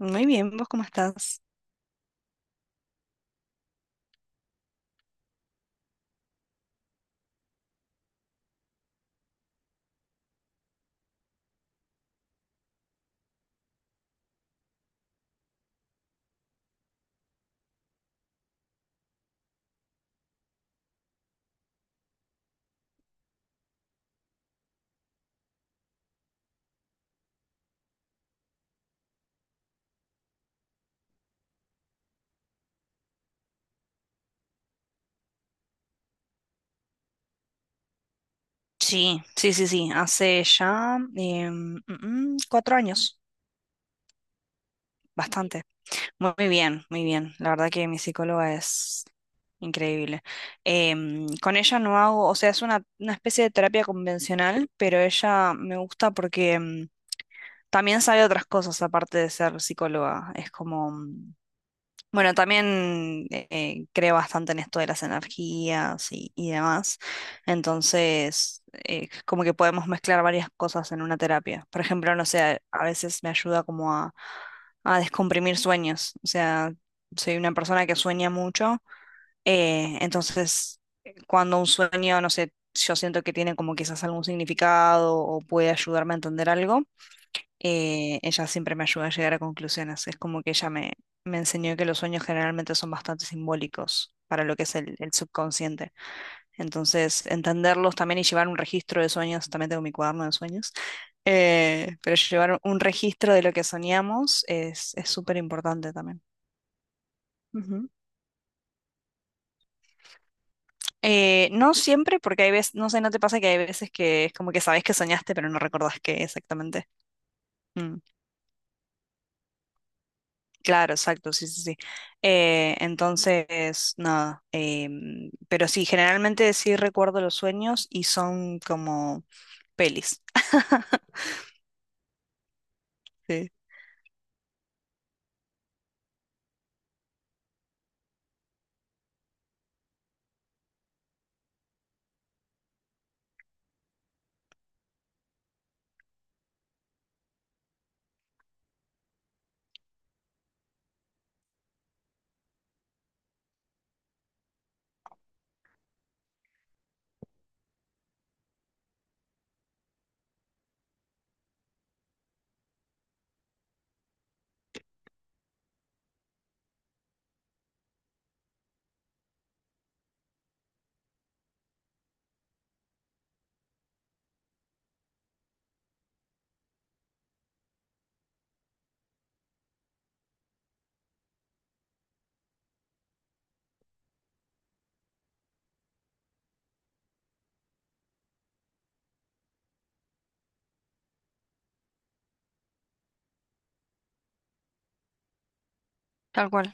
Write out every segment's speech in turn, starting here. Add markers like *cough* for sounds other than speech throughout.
Muy bien, ¿vos cómo estás? Sí, sí, sí, sí. Hace ya cuatro años, bastante. Muy bien, muy bien. La verdad que mi psicóloga es increíble. Con ella no hago, o sea, es una especie de terapia convencional, pero ella me gusta porque también sabe otras cosas aparte de ser psicóloga. Es como. Bueno, también creo bastante en esto de las energías y demás. Entonces, como que podemos mezclar varias cosas en una terapia. Por ejemplo, no sé, a veces me ayuda como a descomprimir sueños. O sea, soy una persona que sueña mucho. Entonces, cuando un sueño, no sé, yo siento que tiene como quizás algún significado o puede ayudarme a entender algo, ella siempre me ayuda a llegar a conclusiones. Es como que ella me enseñó que los sueños generalmente son bastante simbólicos para lo que es el subconsciente. Entonces, entenderlos también y llevar un registro de sueños, también tengo mi cuaderno de sueños, pero llevar un registro de lo que soñamos es súper importante también. Ujú. No siempre, porque hay veces, no sé, ¿no te pasa que hay veces que es como que sabes que soñaste, pero no recordás qué exactamente? Mm. Claro, exacto, sí, sí, sí. Entonces, nada, pero sí, generalmente sí recuerdo los sueños y son como pelis. *laughs* Sí. Tal cual.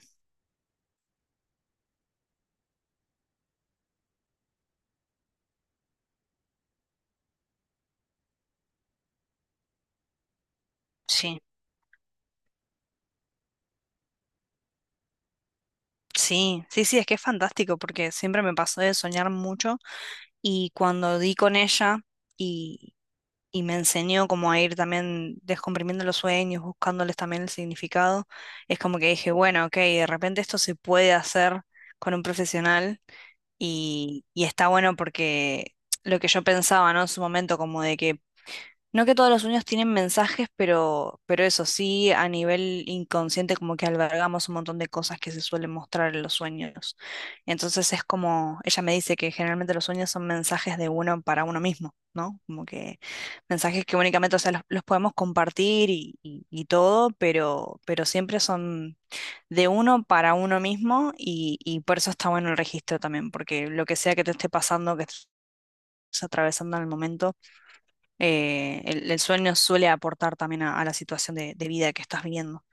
Sí, sí, sí, sí, es que es fantástico porque siempre me pasó de soñar mucho y cuando di con ella y y me enseñó como a ir también descomprimiendo los sueños, buscándoles también el significado. Es como que dije, bueno, ok, de repente esto se puede hacer con un profesional y está bueno porque lo que yo pensaba, ¿no? En su momento, como de que no, que todos los sueños tienen mensajes, pero eso sí, a nivel inconsciente como que albergamos un montón de cosas que se suelen mostrar en los sueños. Entonces es como, ella me dice que generalmente los sueños son mensajes de uno para uno mismo, ¿no? Como que mensajes que únicamente, o sea, los podemos compartir y todo, pero siempre son de uno para uno mismo, y por eso está bueno el registro también, porque lo que sea que te esté pasando, que estés atravesando en el momento, el sueño suele aportar también a la situación de vida que estás viviendo.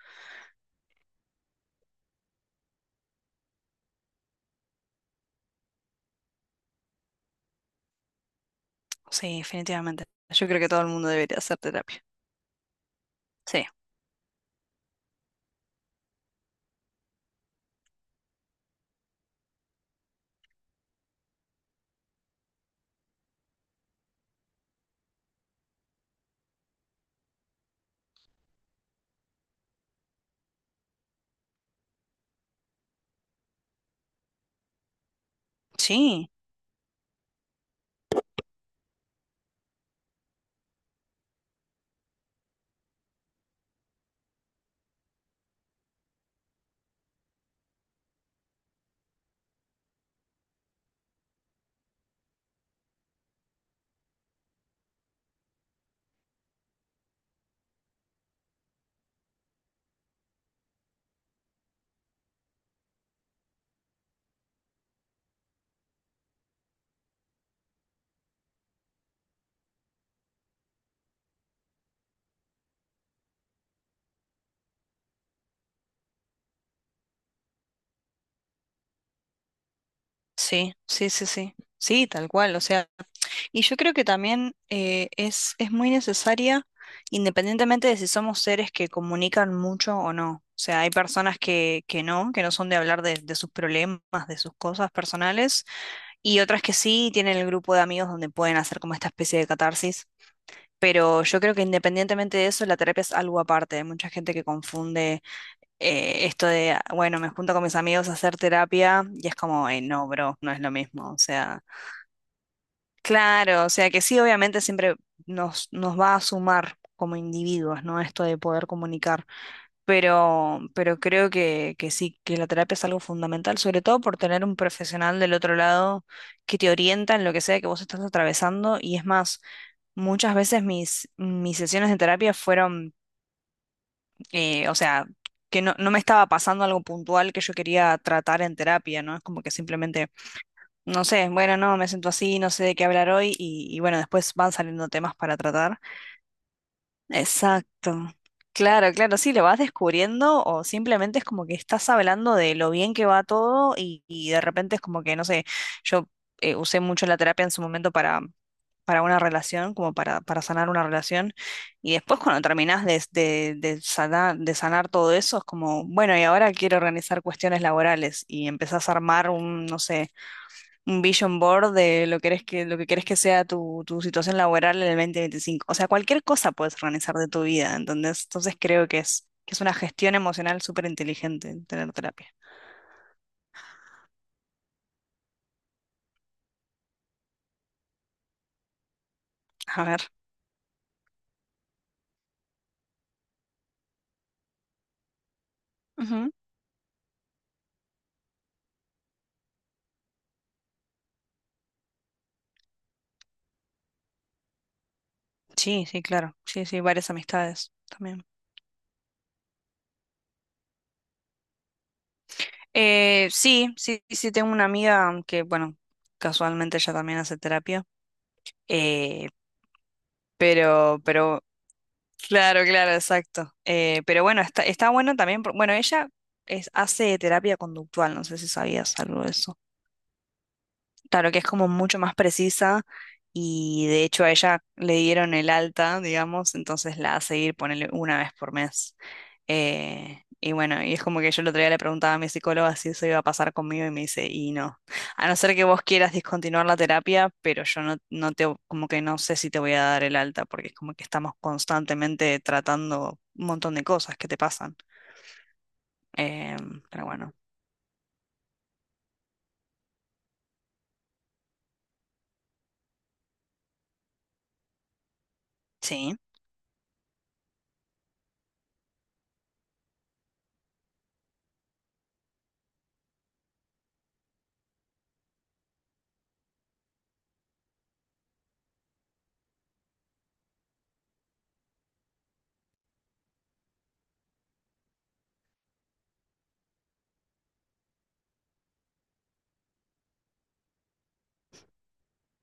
Sí, definitivamente. Yo creo que todo el mundo debería hacer terapia. Sí, sí, sí, sí, sí, sí. Sí, tal cual. O sea, y yo creo que también es muy necesaria, independientemente de si somos seres que comunican mucho o no. O sea, hay personas que no son de hablar de sus problemas, de sus cosas personales, y otras que sí tienen el grupo de amigos donde pueden hacer como esta especie de catarsis. Pero yo creo que independientemente de eso, la terapia es algo aparte. Hay mucha gente que confunde esto de: "Ah, bueno, me junto con mis amigos a hacer terapia", y es como: "Ey, no, bro, no es lo mismo". O sea, claro, o sea que sí, obviamente siempre nos va a sumar como individuos, ¿no? Esto de poder comunicar, pero creo que sí, que la terapia es algo fundamental, sobre todo por tener un profesional del otro lado que te orienta en lo que sea que vos estás atravesando. Y es más, muchas veces mis sesiones de terapia fueron, o sea, que no me estaba pasando algo puntual que yo quería tratar en terapia, ¿no? Es como que simplemente, no sé, bueno, no, me siento así, no sé de qué hablar hoy y bueno, después van saliendo temas para tratar. Exacto. Claro, claro, sí, lo vas descubriendo o simplemente es como que estás hablando de lo bien que va todo y de repente es como que, no sé, yo usé mucho la terapia en su momento, para una relación, como para sanar una relación. Y después, cuando terminás de sanar todo eso es como, bueno, y ahora quiero organizar cuestiones laborales y empezás a armar un, no sé, un vision board de lo que quieres que sea tu situación laboral en el 2025. O sea, cualquier cosa puedes organizar de tu vida, ¿entendés? Entonces, creo que es una gestión emocional súper inteligente tener terapia. A ver. Ujú. Sí, sí, claro. Sí, sí, varias amistades también. Sí, sí, sí, tengo una amiga que, bueno, casualmente ella también hace terapia. eh, pero. Claro, claro, exacto. Pero bueno, está bueno también. Bueno, ella hace terapia conductual, no sé si sabías algo de eso. Claro que es como mucho más precisa, y de hecho a ella le dieron el alta, digamos, entonces la hace ir, ponele una vez por mes. Y bueno, y es como que yo el otro día le preguntaba a mi psicóloga si eso iba a pasar conmigo y me dice, y no. A no ser que vos quieras discontinuar la terapia, pero yo no te, como que no sé si te voy a dar el alta, porque es como que estamos constantemente tratando un montón de cosas que te pasan. Pero bueno, sí,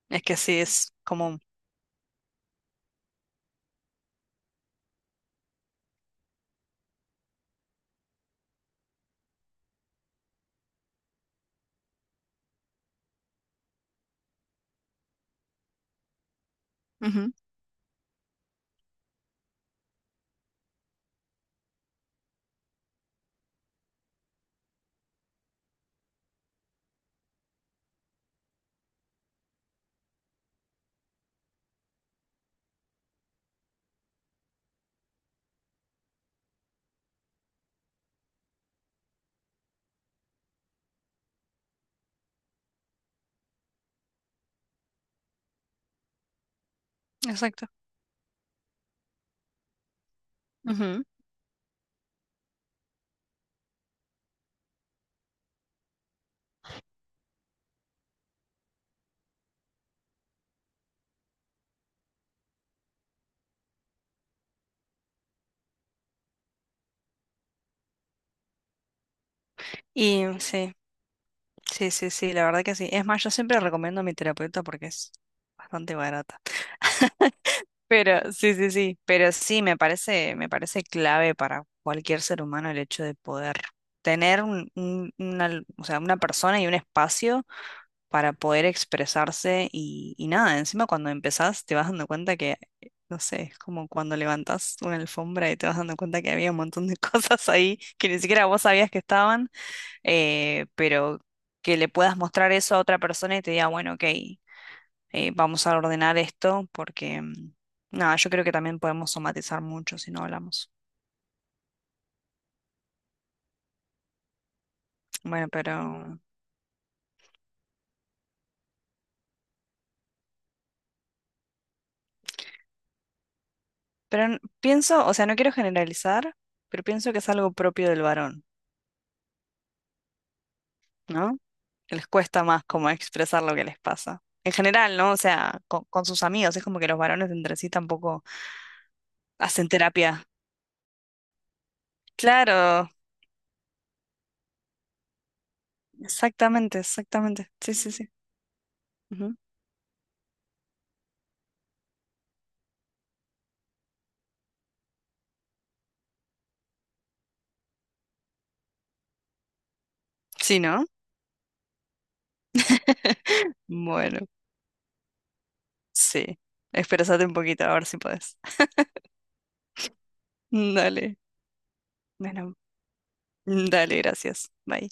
es que sí es como. Ujú, exacto. Y sí, sí, sí, sí, la verdad que sí. Es más, yo siempre recomiendo a mi terapeuta porque es bastante barata. Pero sí, sí, sí, pero sí, me parece clave para cualquier ser humano el hecho de poder tener una, o sea, una persona y un espacio para poder expresarse y nada. Encima, cuando empezás te vas dando cuenta que, no sé, es como cuando levantás una alfombra y te vas dando cuenta que había un montón de *laughs* cosas ahí que ni siquiera vos sabías que estaban, pero que le puedas mostrar eso a otra persona y te diga, bueno, ok, vamos a ordenar esto porque, nada, yo creo que también podemos somatizar mucho si no hablamos. Bueno, pero pienso, o sea, no quiero generalizar, pero pienso que es algo propio del varón, ¿no? Que les cuesta más como expresar lo que les pasa. En general, ¿no? O sea, con sus amigos, es como que los varones entre sí tampoco hacen terapia. Claro, exactamente, exactamente. Sí, sí, sí. Ujú. Sí, ¿no? *laughs* Bueno, sí. Expresate un poquito, a ver si puedes. *laughs* Dale. Bueno, dale, gracias. Bye.